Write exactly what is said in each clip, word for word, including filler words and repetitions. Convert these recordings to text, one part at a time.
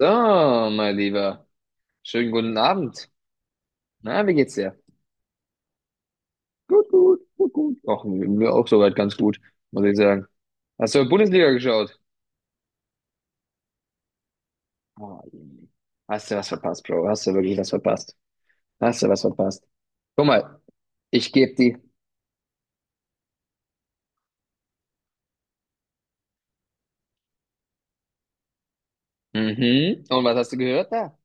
So, mein Lieber. Schönen guten Abend. Na, wie geht's dir? Gut, gut, gut, gut. Ach, mir auch soweit ganz gut, muss ich sagen. Hast du Bundesliga geschaut? Oh, Jemine. hast du was verpasst, Bro? Hast du wirklich was verpasst? Hast du was verpasst? Guck mal, ich geb die. Mhm. Und was hast du gehört da?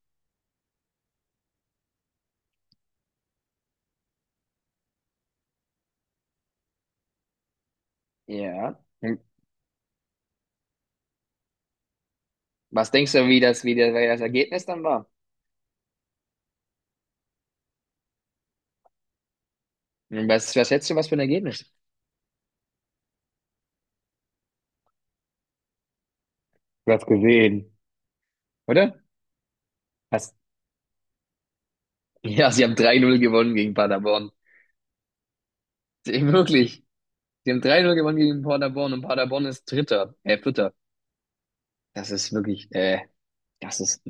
Ja. Hm. Was denkst du, wie das, wie das, wie das Ergebnis dann war? Hm, Was, was schätzt du, was für ein Ergebnis? Du hast gesehen, oder? Hast, ja, sie haben drei Null gewonnen gegen Paderborn. Wirklich. Sie haben drei null gewonnen gegen Paderborn und Paderborn ist Dritter, äh, Vierter. Das ist wirklich, äh, das ist,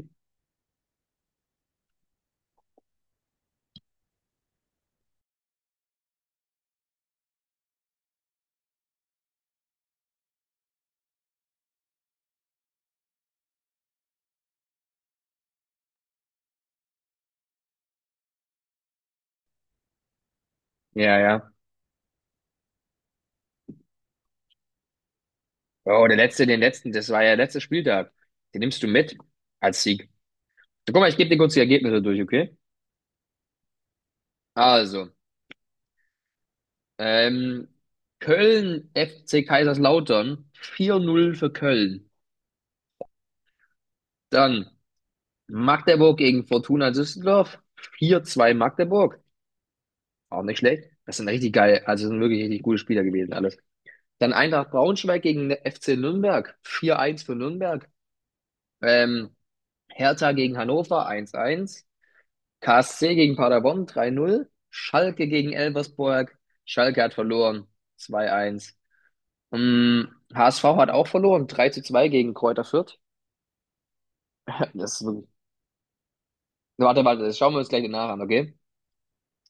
ja, ja. Oh, der letzte, den letzten, das war ja der letzte Spieltag. Den nimmst du mit als Sieg. So, guck mal, ich gebe dir kurz die Ergebnisse durch, okay? Also, ähm, Köln F C Kaiserslautern, vier null für Köln. Dann Magdeburg gegen Fortuna Düsseldorf, vier zwei Magdeburg. Auch nicht schlecht. Das sind richtig geil, also das sind wirklich richtig gute Spieler gewesen, alles. Dann Eintracht Braunschweig gegen F C Nürnberg, vier eins für Nürnberg. Ähm, Hertha gegen Hannover, eins eins, K S C gegen Paderborn, drei null, Schalke gegen Elversberg. Schalke hat verloren, zwei eins. Mm, H S V hat auch verloren, drei zu zwei gegen Kräuter Fürth. Das ist wirklich. Warte, warte, das schauen wir uns gleich nach an, okay?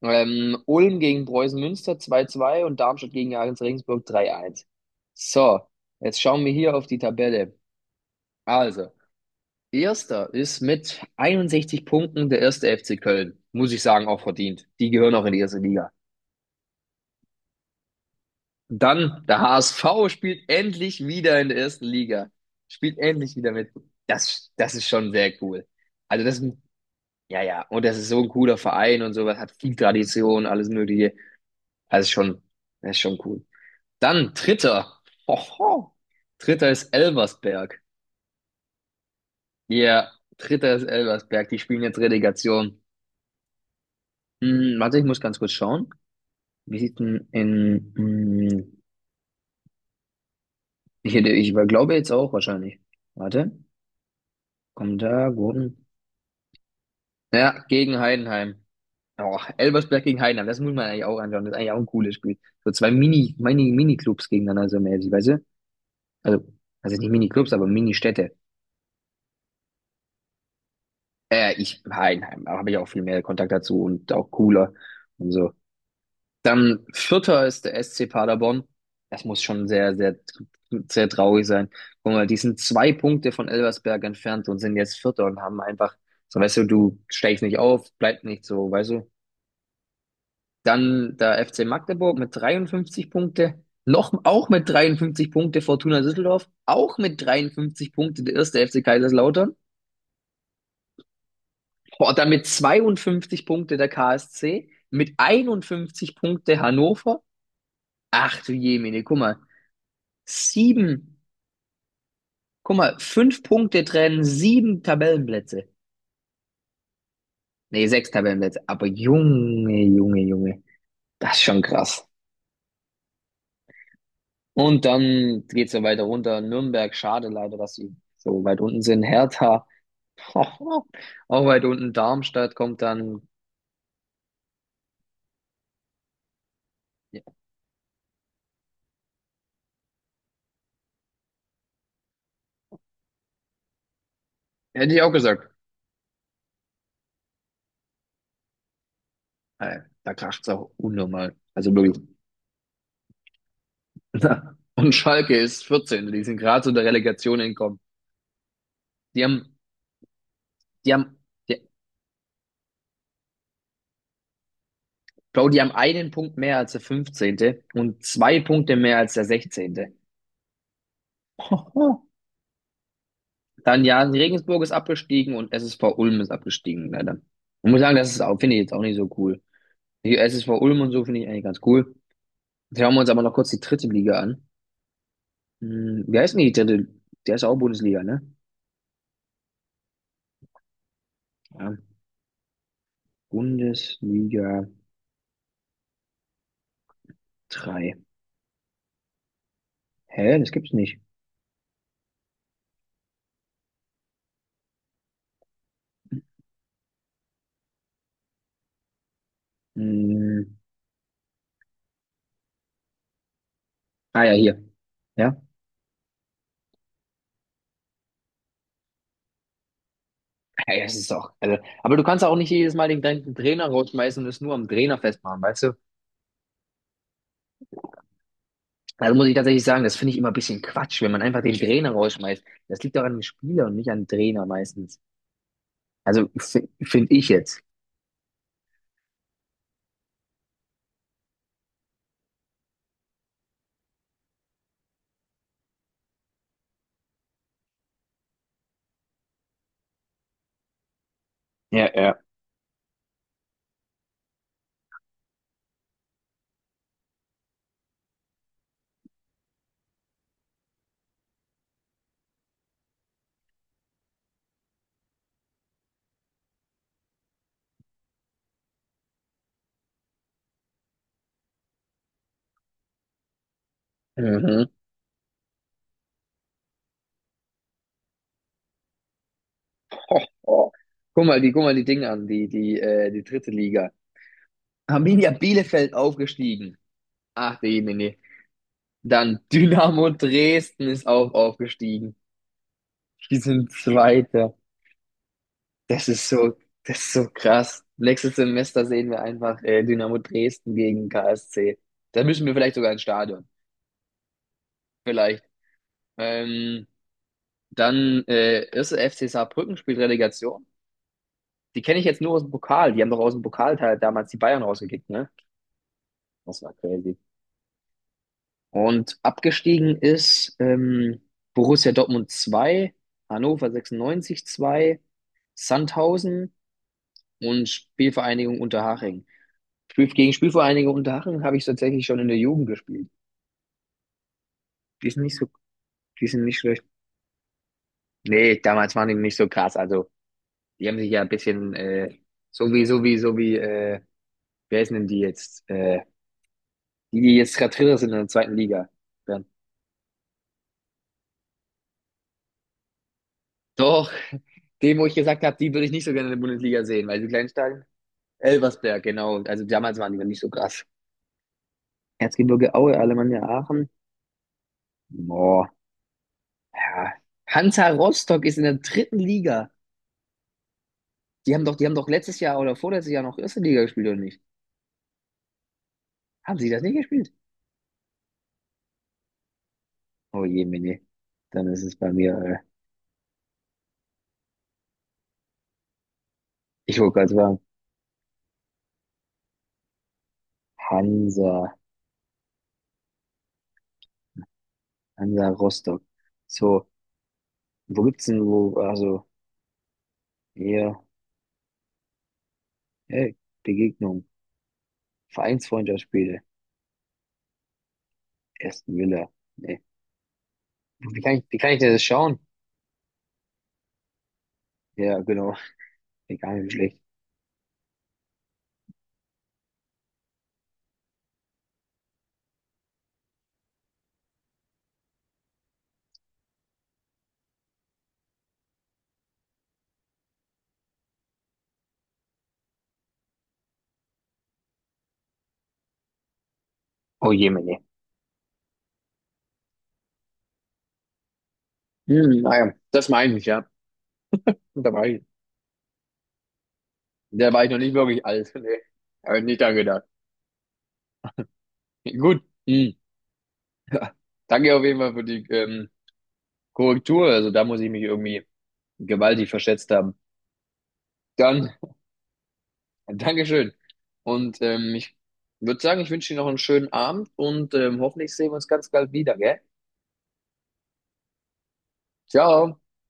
Ähm, Ulm gegen Preußen Münster, zwei zwei und Darmstadt gegen Jahres Regensburg, drei eins. So, jetzt schauen wir hier auf die Tabelle. Also, Erster ist mit einundsechzig Punkten der erste F C Köln. Muss ich sagen, auch verdient. Die gehören auch in die erste Liga. Dann der H S V spielt endlich wieder in der ersten Liga. Spielt endlich wieder mit. Das, das ist schon sehr cool. Also das, ja, ja. Und das ist so ein cooler Verein und sowas. Hat viel Tradition, alles Mögliche. Also schon, das ist schon cool. Dann dritter. Hoho. Dritter ist Elversberg. Ja, dritter ist Elversberg. Die spielen jetzt Relegation. Hm, warte, ich muss ganz kurz schauen. Wie sieht denn in, mh, ich hätte, ich über- glaube jetzt auch wahrscheinlich. Warte, komm da, Gurken. Ja, gegen Heidenheim. Oh, Elversberg gegen Heidenheim, das muss man eigentlich auch anschauen. Das ist eigentlich auch ein cooles Spiel. So zwei Mini, Mini, Mini-Clubs gegeneinander, so mäßig, weißt du? Also, also nicht Mini-Clubs, aber Mini-Städte. Äh, ich, Heidenheim, da habe ich auch viel mehr Kontakt dazu und auch cooler und so. Dann Vierter ist der S C Paderborn. Das muss schon sehr, sehr, sehr traurig sein. Guck mal, die sind zwei Punkte von Elversberg entfernt und sind jetzt Vierter und haben einfach, so weißt du, du steigst nicht auf, bleib nicht so, weißt du. Dann der F C Magdeburg mit dreiundfünfzig Punkte. Noch, auch mit dreiundfünfzig Punkte Fortuna Düsseldorf. Auch mit dreiundfünfzig Punkte der erste F C Kaiserslautern. Boah, dann mit zweiundfünfzig Punkte der K S C. Mit einundfünfzig Punkte Hannover. Ach du Jemine, guck mal. Sieben. Guck mal, fünf Punkte trennen, sieben Tabellenplätze. Nee, sechs Tabellenplätze. Aber Junge, Junge, Junge. Das ist schon krass. Und dann geht's ja weiter runter. Nürnberg, schade leider, dass sie so weit unten sind. Hertha, auch weit unten. Darmstadt kommt dann. Ja, hätte ich auch gesagt. Äh, Da kracht's auch unnormal. Also wirklich. Und Schalke ist vierzehn. Die sind gerade zu der Relegation entkommen. Die haben, die haben, Bro, die haben einen Punkt mehr als der fünfzehnte und zwei Punkte mehr als der sechzehnte. Hoho. Dann ja, Regensburg ist abgestiegen und S S V Ulm ist abgestiegen, leider. Ich muss sagen, das ist auch, finde ich jetzt auch nicht so cool. Die S S V Ulm und so finde ich eigentlich ganz cool. Jetzt schauen wir uns aber noch kurz die dritte Liga an. Hm, wie heißt denn die dritte? Der ist auch Bundesliga, ne? Ja, Bundesliga drei? Hä? Das gibt's nicht. Hm, ah ja, hier. Ja, Ja, ja, es ist auch. Also, aber du kannst auch nicht jedes Mal den gleichen Trainer rausschmeißen und es nur am Trainer festmachen, weißt du? also muss ich tatsächlich sagen, das finde ich immer ein bisschen Quatsch, wenn man einfach den Trainer rausschmeißt. Das liegt doch an dem Spieler und nicht an dem Trainer meistens. Also f- finde ich jetzt. Ja, ja. Mhm. Ho, ho. Guck mal, die, guck mal die Dinge an, die, die, äh, die dritte Liga. Arminia Bielefeld aufgestiegen. Ach, nee, nee, nee. Dann Dynamo Dresden ist auch aufgestiegen. Die sind Zweiter. Das ist so, das ist so krass. Nächstes Semester sehen wir einfach äh, Dynamo Dresden gegen K S C. Da müssen wir vielleicht sogar ins Stadion. Vielleicht. Ähm, dann äh, erste F C Saarbrücken spielt Relegation. Die kenne ich jetzt nur aus dem Pokal. Die haben doch aus dem Pokalteil damals die Bayern rausgekickt, ne? Das war crazy. Und abgestiegen ist ähm, Borussia Dortmund zwei, Hannover sechsundneunzig zwei, Sandhausen und Spielvereinigung Unterhaching. Spiel, gegen Spielvereinigung Unterhaching habe ich tatsächlich schon in der Jugend gespielt. Die sind nicht so, die sind nicht schlecht. Nee, damals waren die nicht so krass. Also, die haben sich ja ein bisschen, äh, so wie, so wie, so wie, äh, wer ist denn die jetzt? Äh, die, die jetzt gerade Dritter sind in der zweiten Liga. Dann. Doch, dem, wo ich gesagt habe, die würde ich nicht so gerne in der Bundesliga sehen, weil die kleinen Stadien. Elversberg, genau. Also damals waren die noch nicht so krass. Erzgebirge Aue, Alemannia Aachen. Boah, ja. Hansa Rostock ist in der dritten Liga. Die haben doch, die haben doch letztes Jahr oder vorletztes Jahr noch erste Liga gespielt, oder nicht? Haben sie das nicht gespielt? Oh je, Mini. Dann ist es bei mir, äh, ich wollte gerade sagen, Hansa, Hansa Rostock. So, wo gibt's denn, wo, also, hier, hey, Begegnung, Vereinsfreundschaftsspiele, Aston Villa. Nee. Wie kann ich, wie kann ich denn das schauen? Ja, genau. Egal, nicht wie schlecht. Oh je, Mini. Hm, naja, das meine ich, ja. Da war ich, da war ich noch nicht wirklich alt. Nee. Habe ich nicht dran gedacht. Gut. Hm. Danke auf jeden Fall für die ähm, Korrektur. Also da muss ich mich irgendwie gewaltig verschätzt haben. Dann, Dankeschön. Und ähm, ich würde sagen, ich wünsche dir noch einen schönen Abend und ähm, hoffentlich sehen wir uns ganz bald wieder, gell? Ciao.